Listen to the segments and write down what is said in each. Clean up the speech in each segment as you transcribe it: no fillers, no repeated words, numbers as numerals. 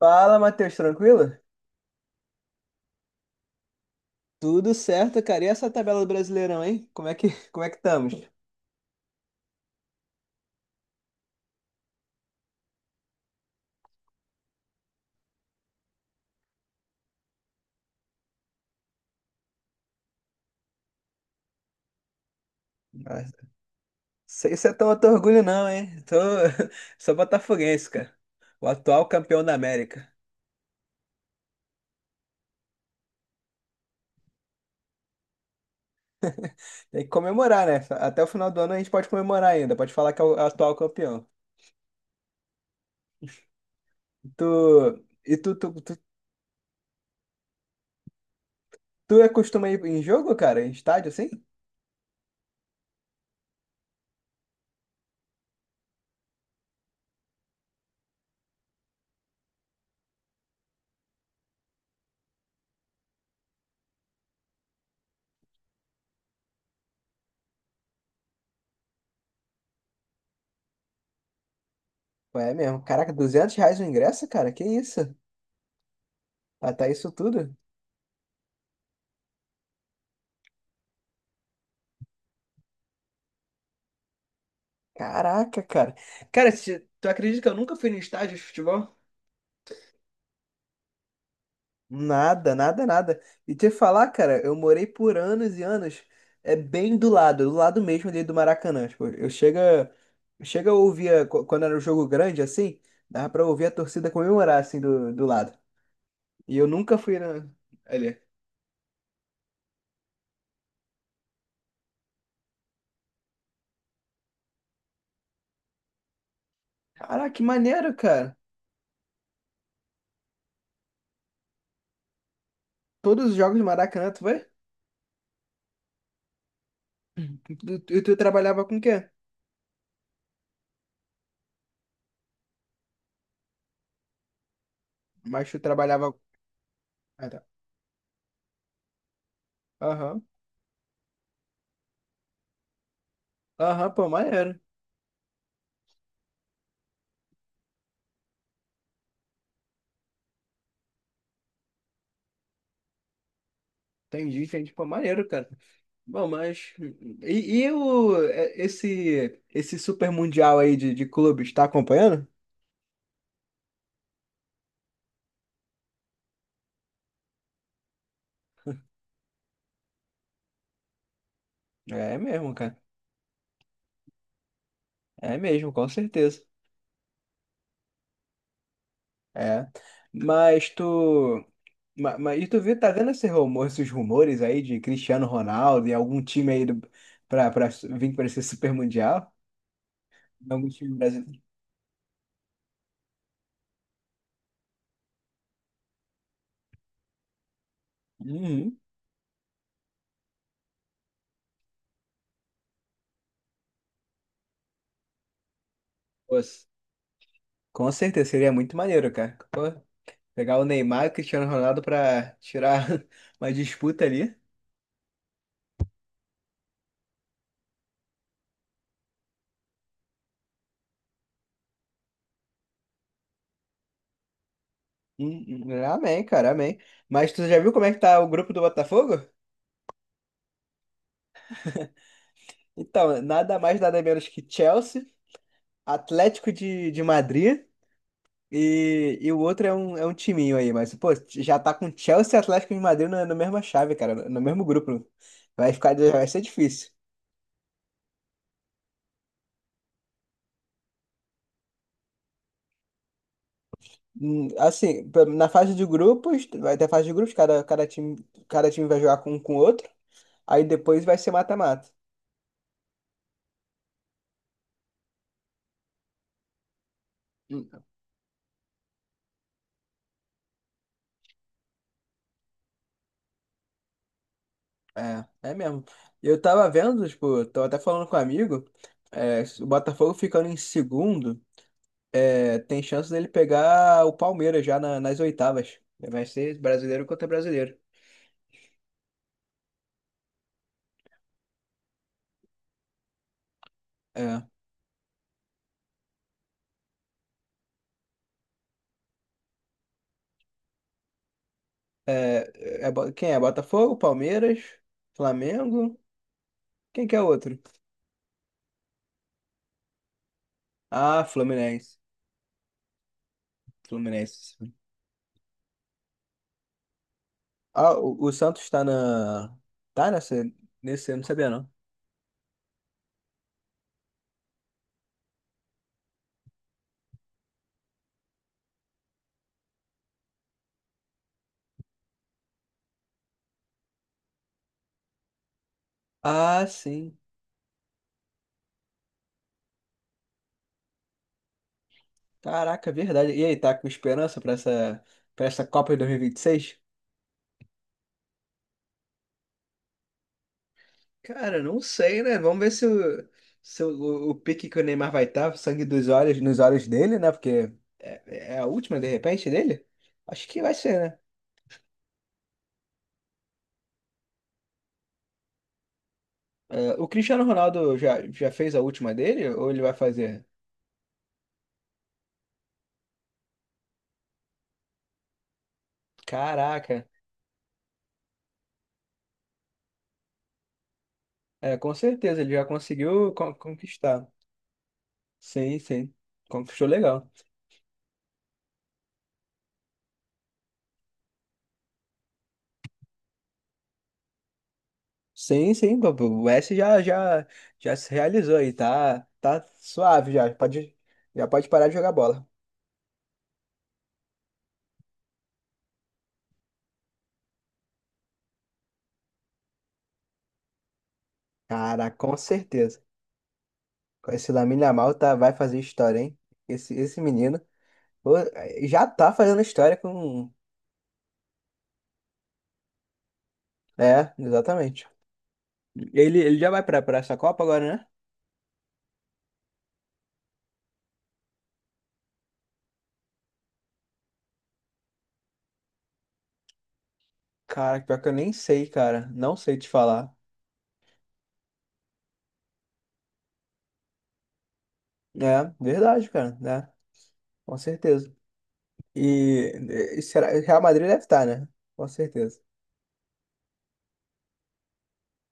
Fala, Matheus, tranquilo? Tudo certo, cara. E essa tabela do Brasileirão, hein? Como é que, como é que estamos? Nossa, sei se é tão outro orgulho, não, hein? Tô... Sou botafoguense, cara. O atual campeão da América. Tem que comemorar, né? Até o final do ano a gente pode comemorar ainda. Pode falar que é o atual campeão. Tu... E tu é costuma ir em jogo, cara? Em estádio, assim? É mesmo. Caraca, 200 reais o ingresso, cara? Que isso? Até isso tudo? Caraca, cara. Cara, tu acredita que eu nunca fui no estádio de futebol? Nada, nada, nada. E te falar, cara, eu morei por anos e anos, é bem do lado mesmo ali do Maracanã. Tipo, eu chega, chega a ouvir, quando era um jogo grande assim, dava pra ouvir a torcida comemorar assim do, do lado. E eu nunca fui na, ali. Caraca, que maneiro, cara. Todos os jogos do Maracanã, tu vai? E tu trabalhava com o quê? Mas tu trabalhava. Ah, tá. Aham, aham, pô, maneiro. Entendi, entendi, pô, maneiro, cara. Bom, mas e o é, esse esse super mundial aí de clubes, tá acompanhando? É mesmo, cara. É mesmo, com certeza. É. Mas mas, e tu viu, tá vendo esse rumor, esses rumores aí de Cristiano Ronaldo e algum time aí do, pra vir pra esse super mundial? Algum time brasileiro? Uhum. Pô, com certeza seria muito maneiro, cara. Pô, pegar o Neymar e o Cristiano Ronaldo pra tirar uma disputa ali. Amém, cara, amém. Mas tu já viu como é que tá o grupo do Botafogo? Então, nada mais, nada menos que Chelsea, Atlético de Madrid e o outro é um timinho aí, mas, pô, já tá com Chelsea e Atlético de Madrid na, na mesma chave, cara, no, no mesmo grupo. Vai ficar, vai ser difícil. Assim, na fase de grupos, vai ter fase de grupos, cada, cada time vai jogar com o outro, aí depois vai ser mata-mata. É, é mesmo. Eu tava vendo, tipo, tava até falando com um amigo, é, se o Botafogo ficando em segundo, é, tem chance dele pegar o Palmeiras nas oitavas. Vai ser brasileiro contra brasileiro. É, é, quem é? Botafogo, Palmeiras, Flamengo? Quem que é o outro? Ah, Fluminense. Fluminense. Ah, o Santos tá na. Tá nessa. Nesse, eu não sabia não. Ah, sim. Caraca, verdade. E aí, tá com esperança pra essa Copa de 2026? Cara, não sei, né? Vamos ver se o, se o, o pique que o Neymar vai estar, sangue dos olhos, nos olhos dele, né? Porque é, é a última, de repente, dele? Acho que vai ser, né? É, o Cristiano Ronaldo já, já fez a última dele ou ele vai fazer? Caraca, é, com certeza, ele já conseguiu conquistar. Sim, sim. Conquistou legal. Sim, sim, papo. O S já, já, já se realizou aí, tá, tá suave já pode parar de jogar bola. Cara, com certeza. Com esse Lamine Yamal tá, vai fazer história, hein? Esse menino pô, já tá fazendo história com... É, exatamente. Ele já vai pra, pra essa Copa agora, né? Cara, pior que eu nem sei, cara, não sei te falar. É, verdade, cara, né? Com certeza. E, e será, Real Madrid deve estar, né? Com certeza.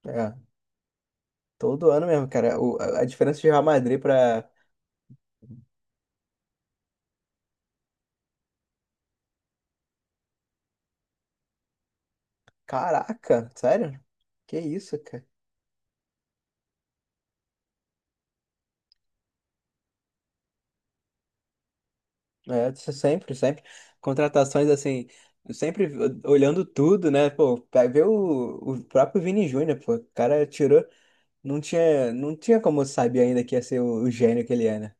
É. Todo ano mesmo, cara. A diferença de Real Madrid pra. Caraca, sério? Que isso, cara? É, isso sempre, sempre. Contratações assim, sempre olhando tudo, né? Pô, vai ver o próprio Vini Júnior, pô. O cara tirou. Não tinha, não tinha como saber ainda que ia ser o gênio que ele é, né?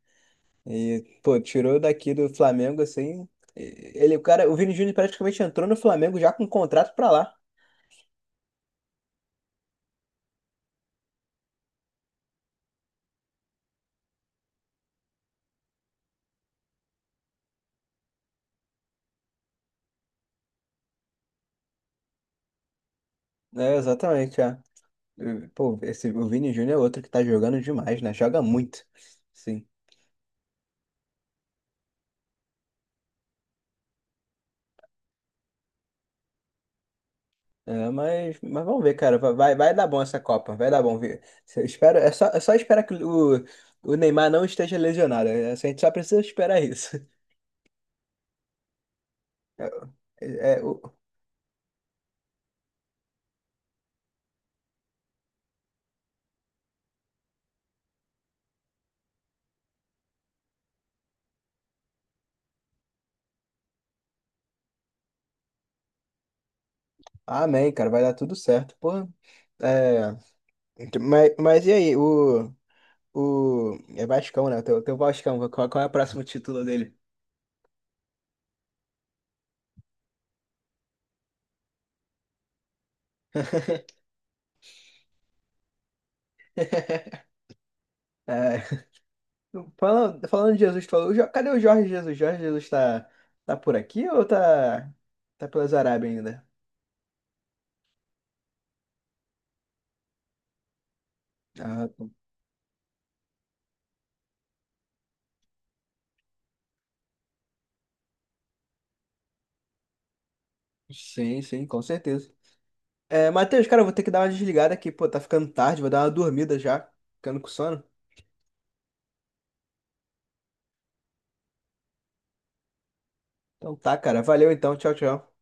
E, pô, tirou daqui do Flamengo, assim. Ele, o cara, o Vini Júnior praticamente entrou no Flamengo já com contrato pra lá. É, exatamente, é. Pô, esse, o Vini Júnior é outro que tá jogando demais, né? Joga muito. Sim. É, mas vamos ver, cara. Vai, vai dar bom essa Copa. Vai dar bom. Eu espero, é só esperar que o Neymar não esteja lesionado. É, a gente só precisa esperar isso. É, é, o... Amém, cara. Vai dar tudo certo. Pô, é... então, mas e aí? O... É Vascão, né? O teu, teu Vascão. Qual, qual é o próximo título dele? É. Falando, falando de Jesus, tu falou, cadê o Jorge Jesus? Jorge Jesus tá, tá por aqui ou tá, tá pelas Arábias ainda? Ah, sim, sim, com certeza. É, Matheus, cara, eu vou ter que dar uma desligada aqui, pô, tá ficando tarde, vou dar uma dormida já, ficando com sono. Então tá, cara, valeu então, tchau, tchau.